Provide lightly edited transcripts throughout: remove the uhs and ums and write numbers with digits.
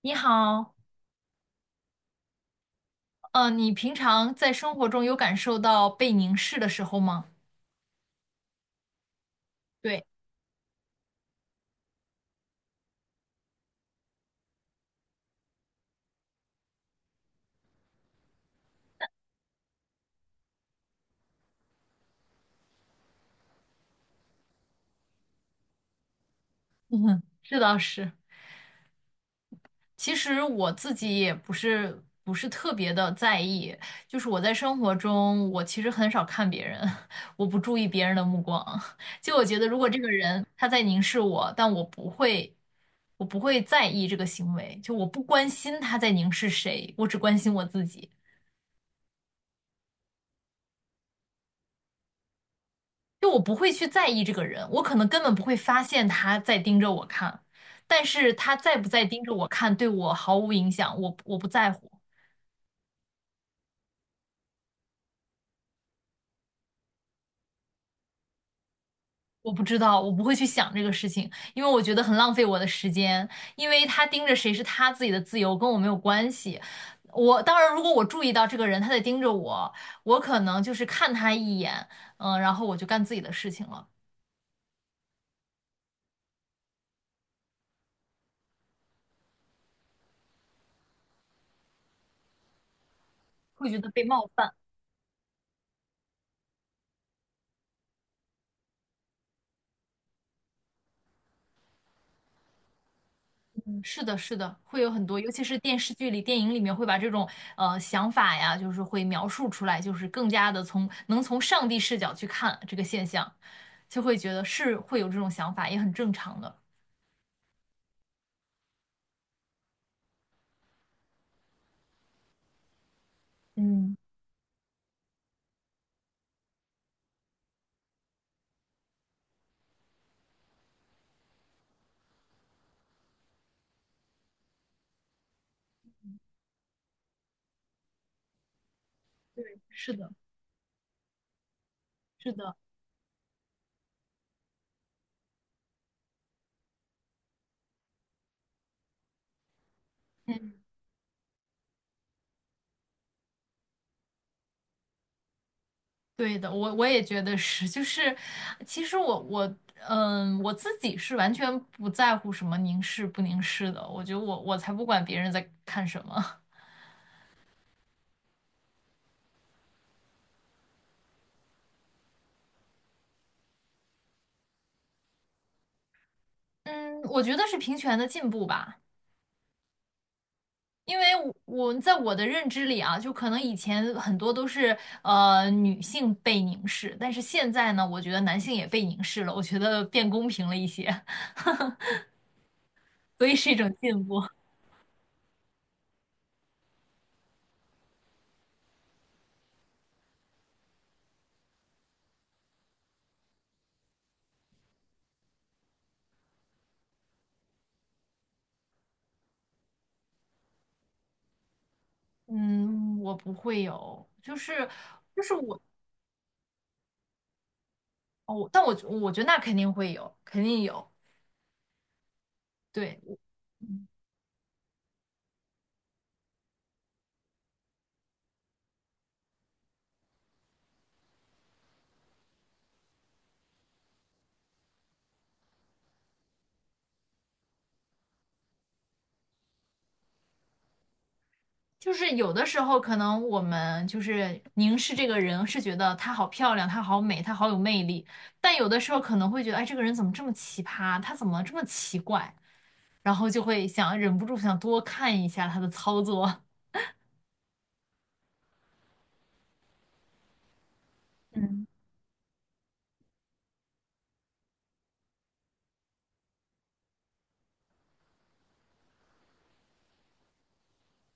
你好，你平常在生活中有感受到被凝视的时候吗？对。嗯，这倒是。其实我自己也不是特别的在意，就是我在生活中，我其实很少看别人。我不注意别人的目光。就我觉得，如果这个人他在凝视我，但我不会在意这个行为，就我不关心他在凝视谁，我只关心我自己。就我不会去在意这个人，我可能根本不会发现他在盯着我看，但是他在不在盯着我看对我毫无影响，我不在乎。我不知道，我不会去想这个事情，因为我觉得很浪费我的时间，因为他盯着谁是他自己的自由，跟我没有关系。我当然，如果我注意到这个人他在盯着我，我可能就是看他一眼，嗯，然后我就干自己的事情了。会觉得被冒犯。是的，是的，会有很多，尤其是电视剧里、电影里面会把这种想法呀，就是会描述出来，就是更加的从能从上帝视角去看这个现象，就会觉得是会有这种想法，也很正常的。嗯。对。是的，是的。嗯，对的，我也觉得是，就是其实我自己是完全不在乎什么凝视不凝视的，我觉得我才不管别人在看什么。嗯，我觉得是平权的进步吧。因为我在我的认知里啊，就可能以前很多都是女性被凝视，但是现在呢，我觉得男性也被凝视了，我觉得变公平了一些。所以是一种进步。嗯，我不会有。就是就是我哦，但我我觉得那肯定会有，肯定有。对。就是有的时候可能我们就是凝视这个人，是觉得她好漂亮，她好美，她好有魅力，但有的时候可能会觉得，哎，这个人怎么这么奇葩？他怎么这么奇怪？然后就会想忍不住想多看一下他的操作。嗯，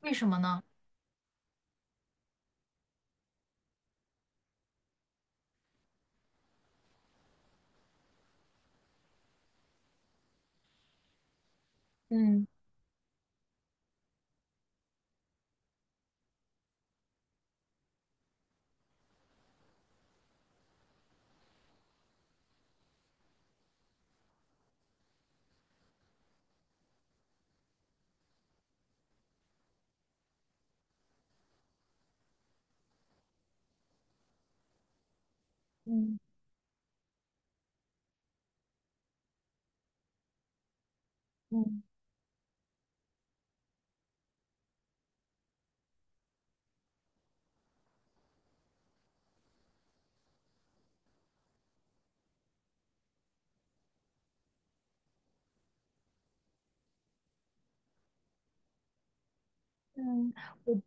为什么呢？嗯。嗯。嗯。嗯。我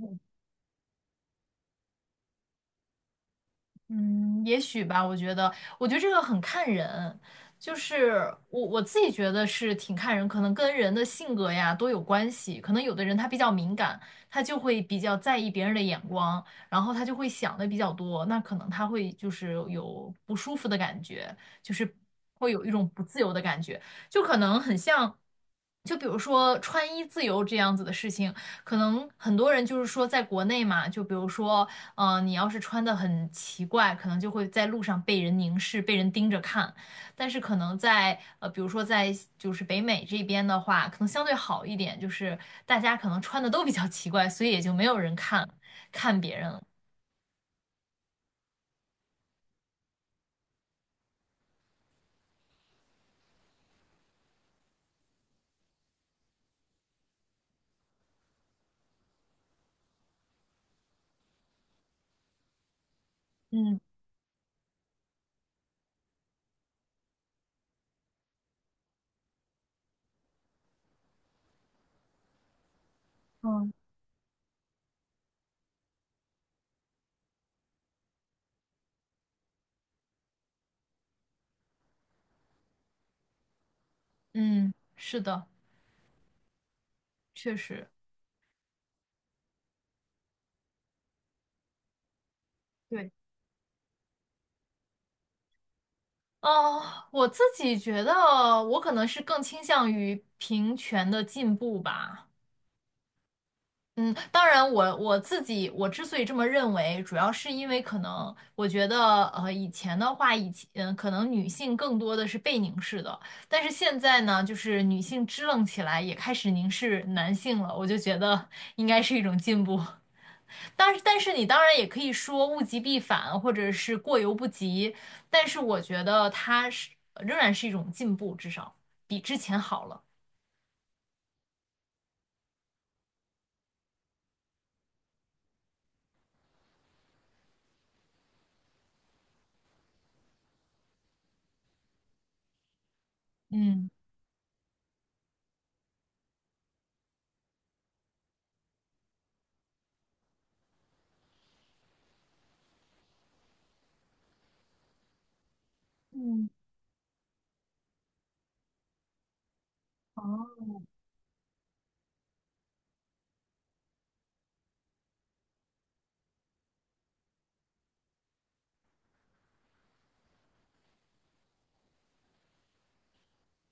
我。嗯，也许吧，我觉得，我觉得这个很看人。就是我自己觉得是挺看人，可能跟人的性格呀都有关系。可能有的人他比较敏感，他就会比较在意别人的眼光，然后他就会想的比较多，那可能他会就是有不舒服的感觉，就是会有一种不自由的感觉，就可能很像。就比如说穿衣自由这样子的事情，可能很多人就是说，在国内嘛，就比如说，嗯，你要是穿的很奇怪，可能就会在路上被人凝视、被人盯着看。但是可能在比如说在就是北美这边的话，可能相对好一点，就是大家可能穿的都比较奇怪，所以也就没有人看别人了。嗯。嗯。嗯，是的，确实。对。哦，我自己觉得我可能是更倾向于平权的进步吧。嗯，当然我自己我之所以这么认为，主要是因为可能我觉得，呃，以前的话，以前可能女性更多的是被凝视的，但是现在呢，就是女性支棱起来，也开始凝视男性了，我就觉得应该是一种进步。但是你当然也可以说物极必反，或者是过犹不及，但是我觉得它是仍然是一种进步，至少比之前好了。嗯。嗯。哦。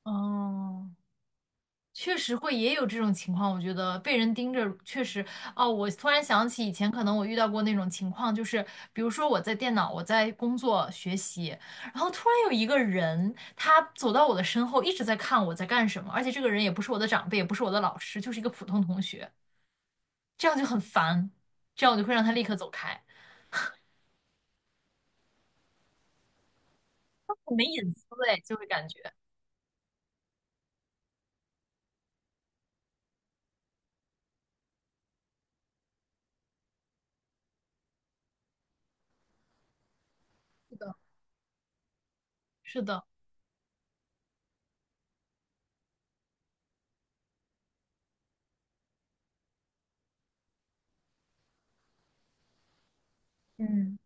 哦。确实会也有这种情况，我觉得被人盯着确实哦。我突然想起以前可能我遇到过那种情况，就是比如说我在工作学习，然后突然有一个人他走到我的身后，一直在看我在干什么，而且这个人也不是我的长辈，也不是我的老师，就是一个普通同学，这样就很烦，这样我就会让他立刻走开，很没隐私哎，就会感觉是的，是的。嗯。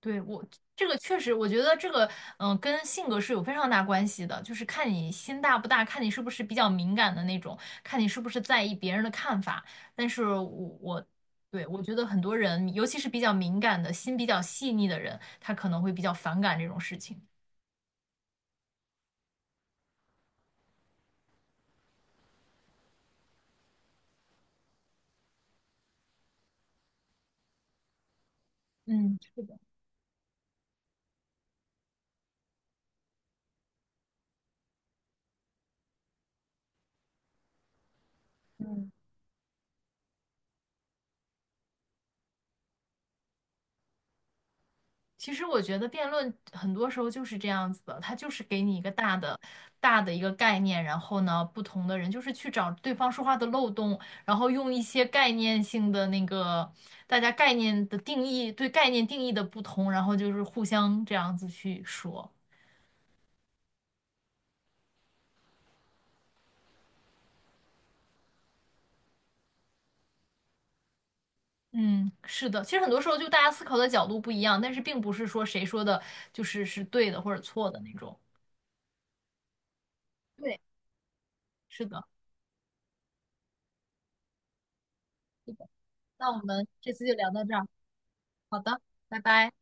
对，这个确实，我觉得这个，嗯、跟性格是有非常大关系的，就是看你心大不大，看你是不是比较敏感的那种，看你是不是在意别人的看法。但是我我，对，我觉得很多人，尤其是比较敏感的心比较细腻的人，他可能会比较反感这种事情。嗯，是的。嗯。其实我觉得辩论很多时候就是这样子的，它就是给你一个大的一个概念，然后呢，不同的人就是去找对方说话的漏洞，然后用一些概念性的那个大家概念的定义，对概念定义的不同，然后就是互相这样子去说。嗯，是的，其实很多时候就大家思考的角度不一样，但是并不是说谁说的是对的或者错的那种。对，是的，是的。那我们这次就聊到这儿。好的。拜拜。